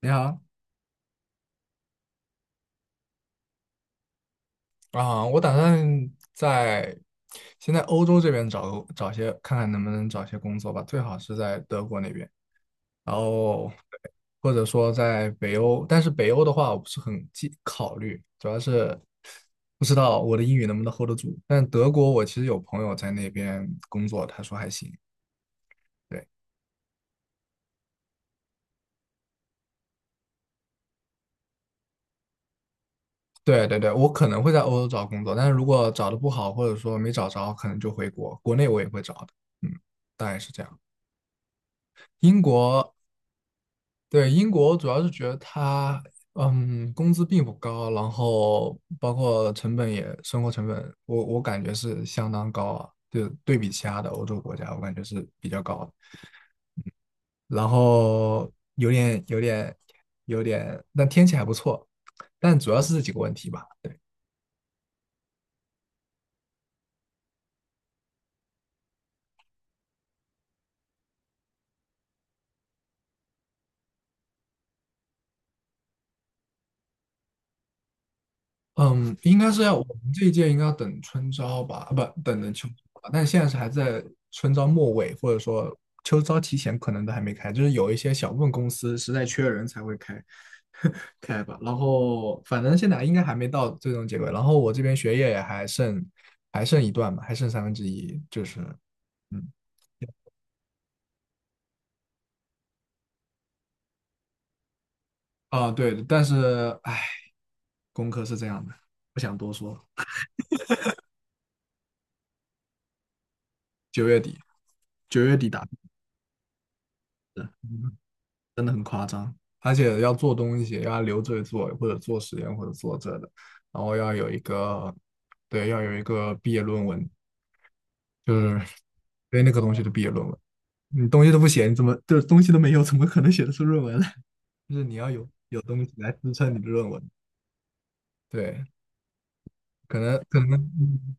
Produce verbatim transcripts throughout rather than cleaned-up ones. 你好啊，我打算在先在欧洲这边找个找些，看看能不能找些工作吧，最好是在德国那边，然后或者说在北欧，但是北欧的话我不是很记考虑，主要是不知道我的英语能不能 hold 得住。但德国我其实有朋友在那边工作，他说还行。对对对对，我可能会在欧洲找工作，但是如果找的不好，或者说没找着，可能就回国，国内我也会找的。嗯，大概是这样。英国，对，英国主要是觉得它，嗯，工资并不高，然后包括成本也，生活成本，我我感觉是相当高啊，就对比其他的欧洲国家，我感觉是比较高的。然后有点有点有点，但天气还不错，但主要是这几个问题吧。嗯，应该是要我们这一届应该要等春招吧，啊不，等等秋招吧，但现在是还在春招末尾，或者说秋招提前，可能都还没开，就是有一些小部分公司实在缺人才会开 开吧。然后反正现在应该还没到最终结果，然后我这边学业也还剩还剩一段吧，还剩三分之一，就是嗯啊对，但是唉，功课是这样的，不想多说，九月底九月底打。真的很夸张。而且要做东西，要留着做，或者做实验，或者做这的，然后要有一个，对，要有一个毕业论文，就是对那个东西的毕业论文，你东西都不写，你怎么就是东西都没有，怎么可能写得出论文来？就是你要有有东西来支撑你的论文，对，可能可能，嗯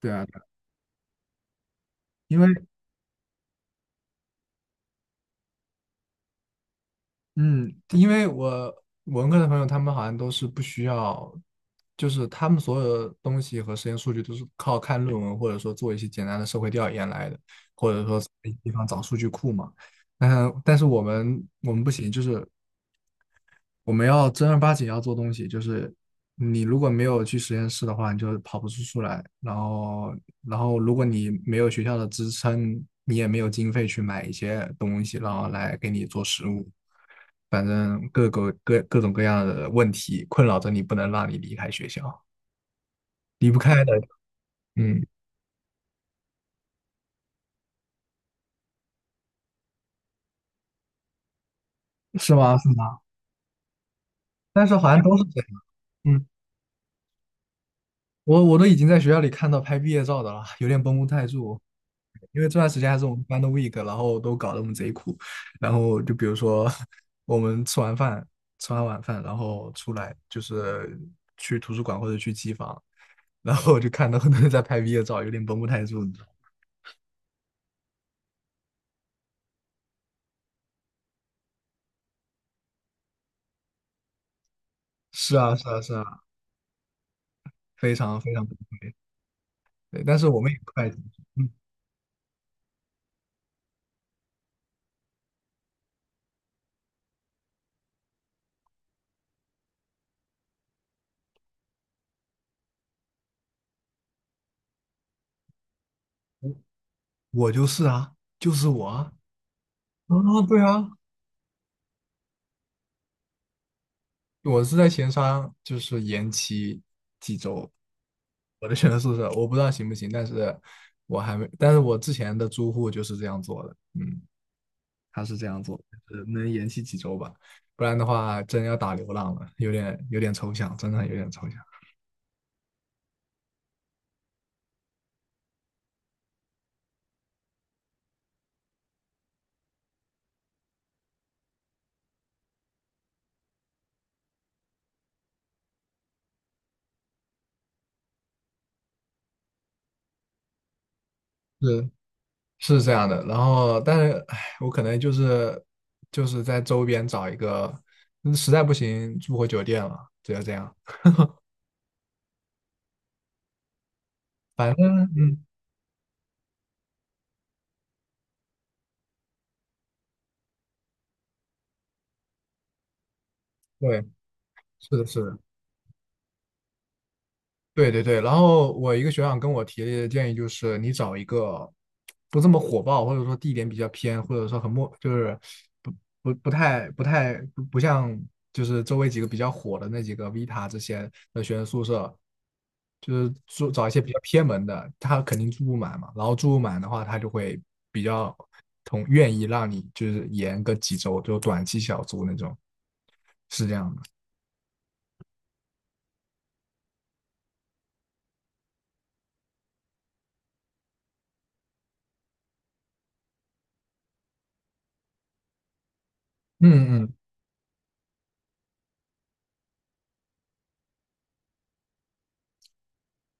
对啊，对啊因为嗯，因为我文科的朋友，他们好像都是不需要，就是他们所有的东西和实验数据都是靠看论文，或者说做一些简单的社会调研来的，或者说在地方找数据库嘛。但但是我们我们不行，就是我们要正儿八经要做东西，就是你如果没有去实验室的话，你就跑不出出来。然后，然后如果你没有学校的支撑，你也没有经费去买一些东西，然后来给你做实物。反正各个各各种各样的问题困扰着你，不能让你离开学校，离不开的。嗯，是吗？是吗？但是好像都是这样。嗯。我我都已经在学校里看到拍毕业照的了，有点绷不太住，因为这段时间还是我们班的 week,然后都搞得我们贼苦。然后就比如说，我们吃完饭，吃完晚饭，然后出来就是去图书馆或者去机房，然后我就看到很多人在拍毕业照，有点绷不太住，你知道吗？是啊，是啊，是啊，非常非常崩溃。对，但是我们也快，嗯，我我就是啊，就是我啊，啊，对啊，我是在前商，就是延期几周。我的选择宿舍，我不知道行不行，但是我还没，但是我之前的租户就是这样做的，嗯，他是这样做的，就是能延期几周吧，不然的话真要打流浪了，有点有点抽象，真的有点抽象，是是这样的。然后，但是唉，我可能就是就是在周边找一个，嗯实在不行住回酒店了，只有这样。反正嗯，对，是的，是的。对对对，然后我一个学长跟我提的建议就是，你找一个不这么火爆，或者说地点比较偏，或者说很陌，就是不不不太不太不不像就是周围几个比较火的那几个 Vita 这些的学生宿舍，就是住找一些比较偏门的，他肯定住不满嘛，然后住不满的话，他就会比较同愿意让你就是延个几周，就短期小租那种，是这样的。嗯嗯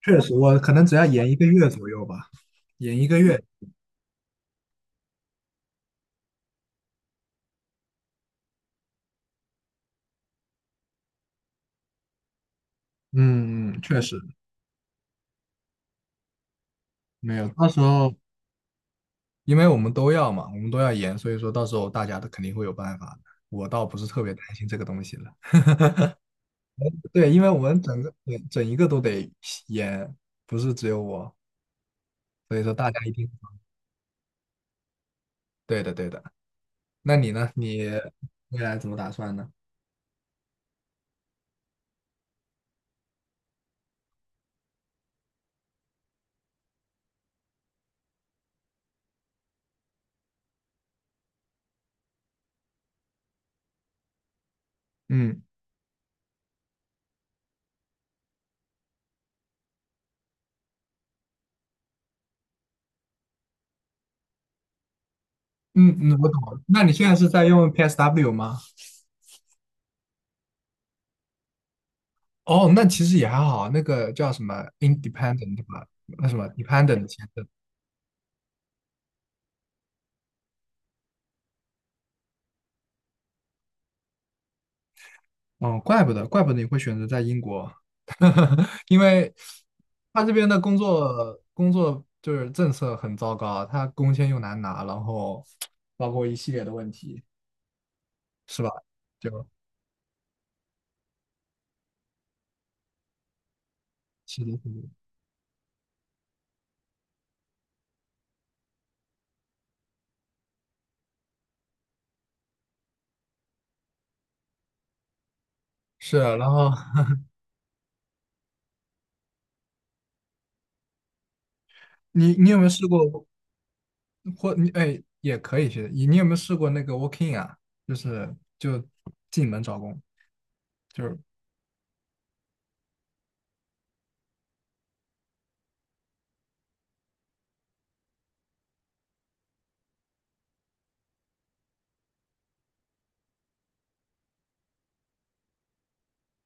确实，我可能只要延一个月左右吧，延一个月。嗯，嗯确实没有。到时候，因为我们都要嘛，我们都要延，所以说到时候大家都肯定会有办法的。我倒不是特别担心这个东西了。对，因为我们整个整整一个都得延，不是只有我，所以说大家一定对的，对的。那你呢？你未来怎么打算呢？嗯嗯嗯，我懂了。那你现在是在用 P S W 吗？哦，那其实也还好，那个叫什么 independent 吧，那什么 dependent 签证。哦，怪不得，怪不得你会选择在英国，因为他这边的工作工作就是政策很糟糕，他工签又难拿，然后包括一系列的问题，是吧？就是的，是的，是啊然后 你你有没有试过或你哎也可以去，你你有没有试过那个 working 啊？就是就进门找工，就是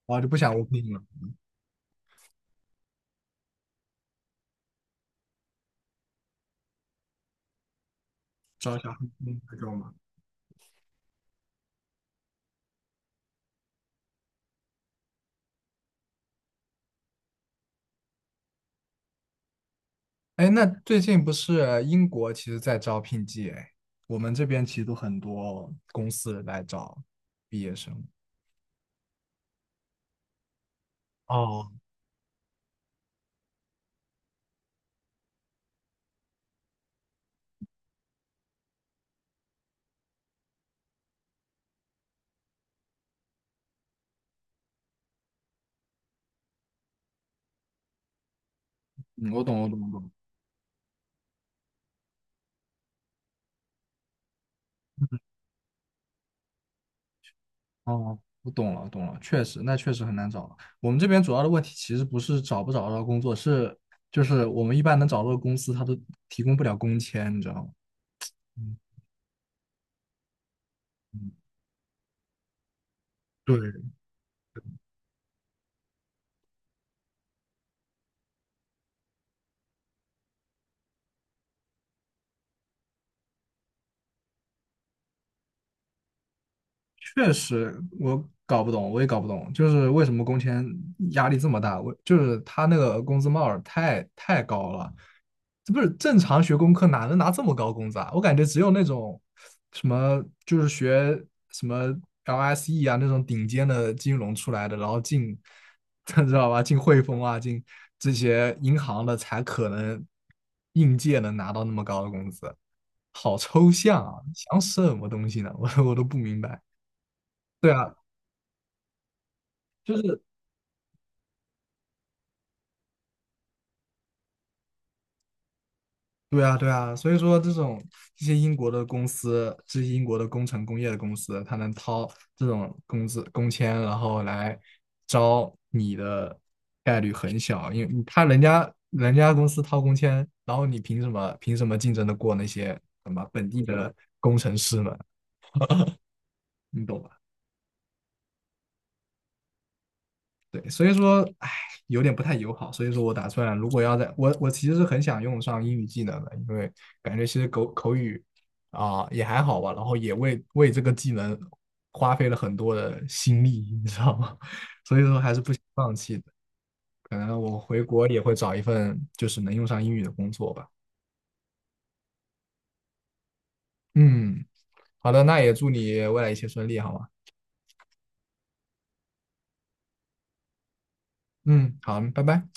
我就不想 working 了。找一下嗯那种嘛。哎，那最近不是英国其实在招聘季哎，我们这边其实都很多公司来找毕业生。哦，嗯我懂，我懂，我懂。哦，我懂了，懂了，确实，那确实很难找了。我们这边主要的问题其实不是找不找得到工作，是就是我们一般能找到的公司，他都提供不了工签，你知道吗？嗯嗯，对，确实我搞不懂，我也搞不懂，就是为什么工签压力这么大？我就是他那个工资帽儿太太高了，这不是正常学工科哪能拿这么高工资啊？我感觉只有那种什么就是学什么 L S E 啊那种顶尖的金融出来的，然后进 知道吧？进汇丰啊，进这些银行的才可能应届能拿到那么高的工资，好抽象啊！想什么东西呢？我我都不明白。对啊，就是对啊，对啊，所以说这种这些英国的公司，这些英国的工程工业的公司，他能掏这种工资工签，然后来招你的概率很小，因为他人家人家公司掏工签，然后你凭什么凭什么竞争的过那些什么本地的工程师们？你懂吧？对，所以说，唉，有点不太友好。所以说我打算，如果要在我我其实是很想用上英语技能的，因为感觉其实口口语啊、也还好吧，然后也为为这个技能花费了很多的心力，你知道吗？所以说还是不想放弃的。可能我回国也会找一份就是能用上英语的工作吧。嗯，好的，那也祝你未来一切顺利，好吗？嗯，好，拜拜。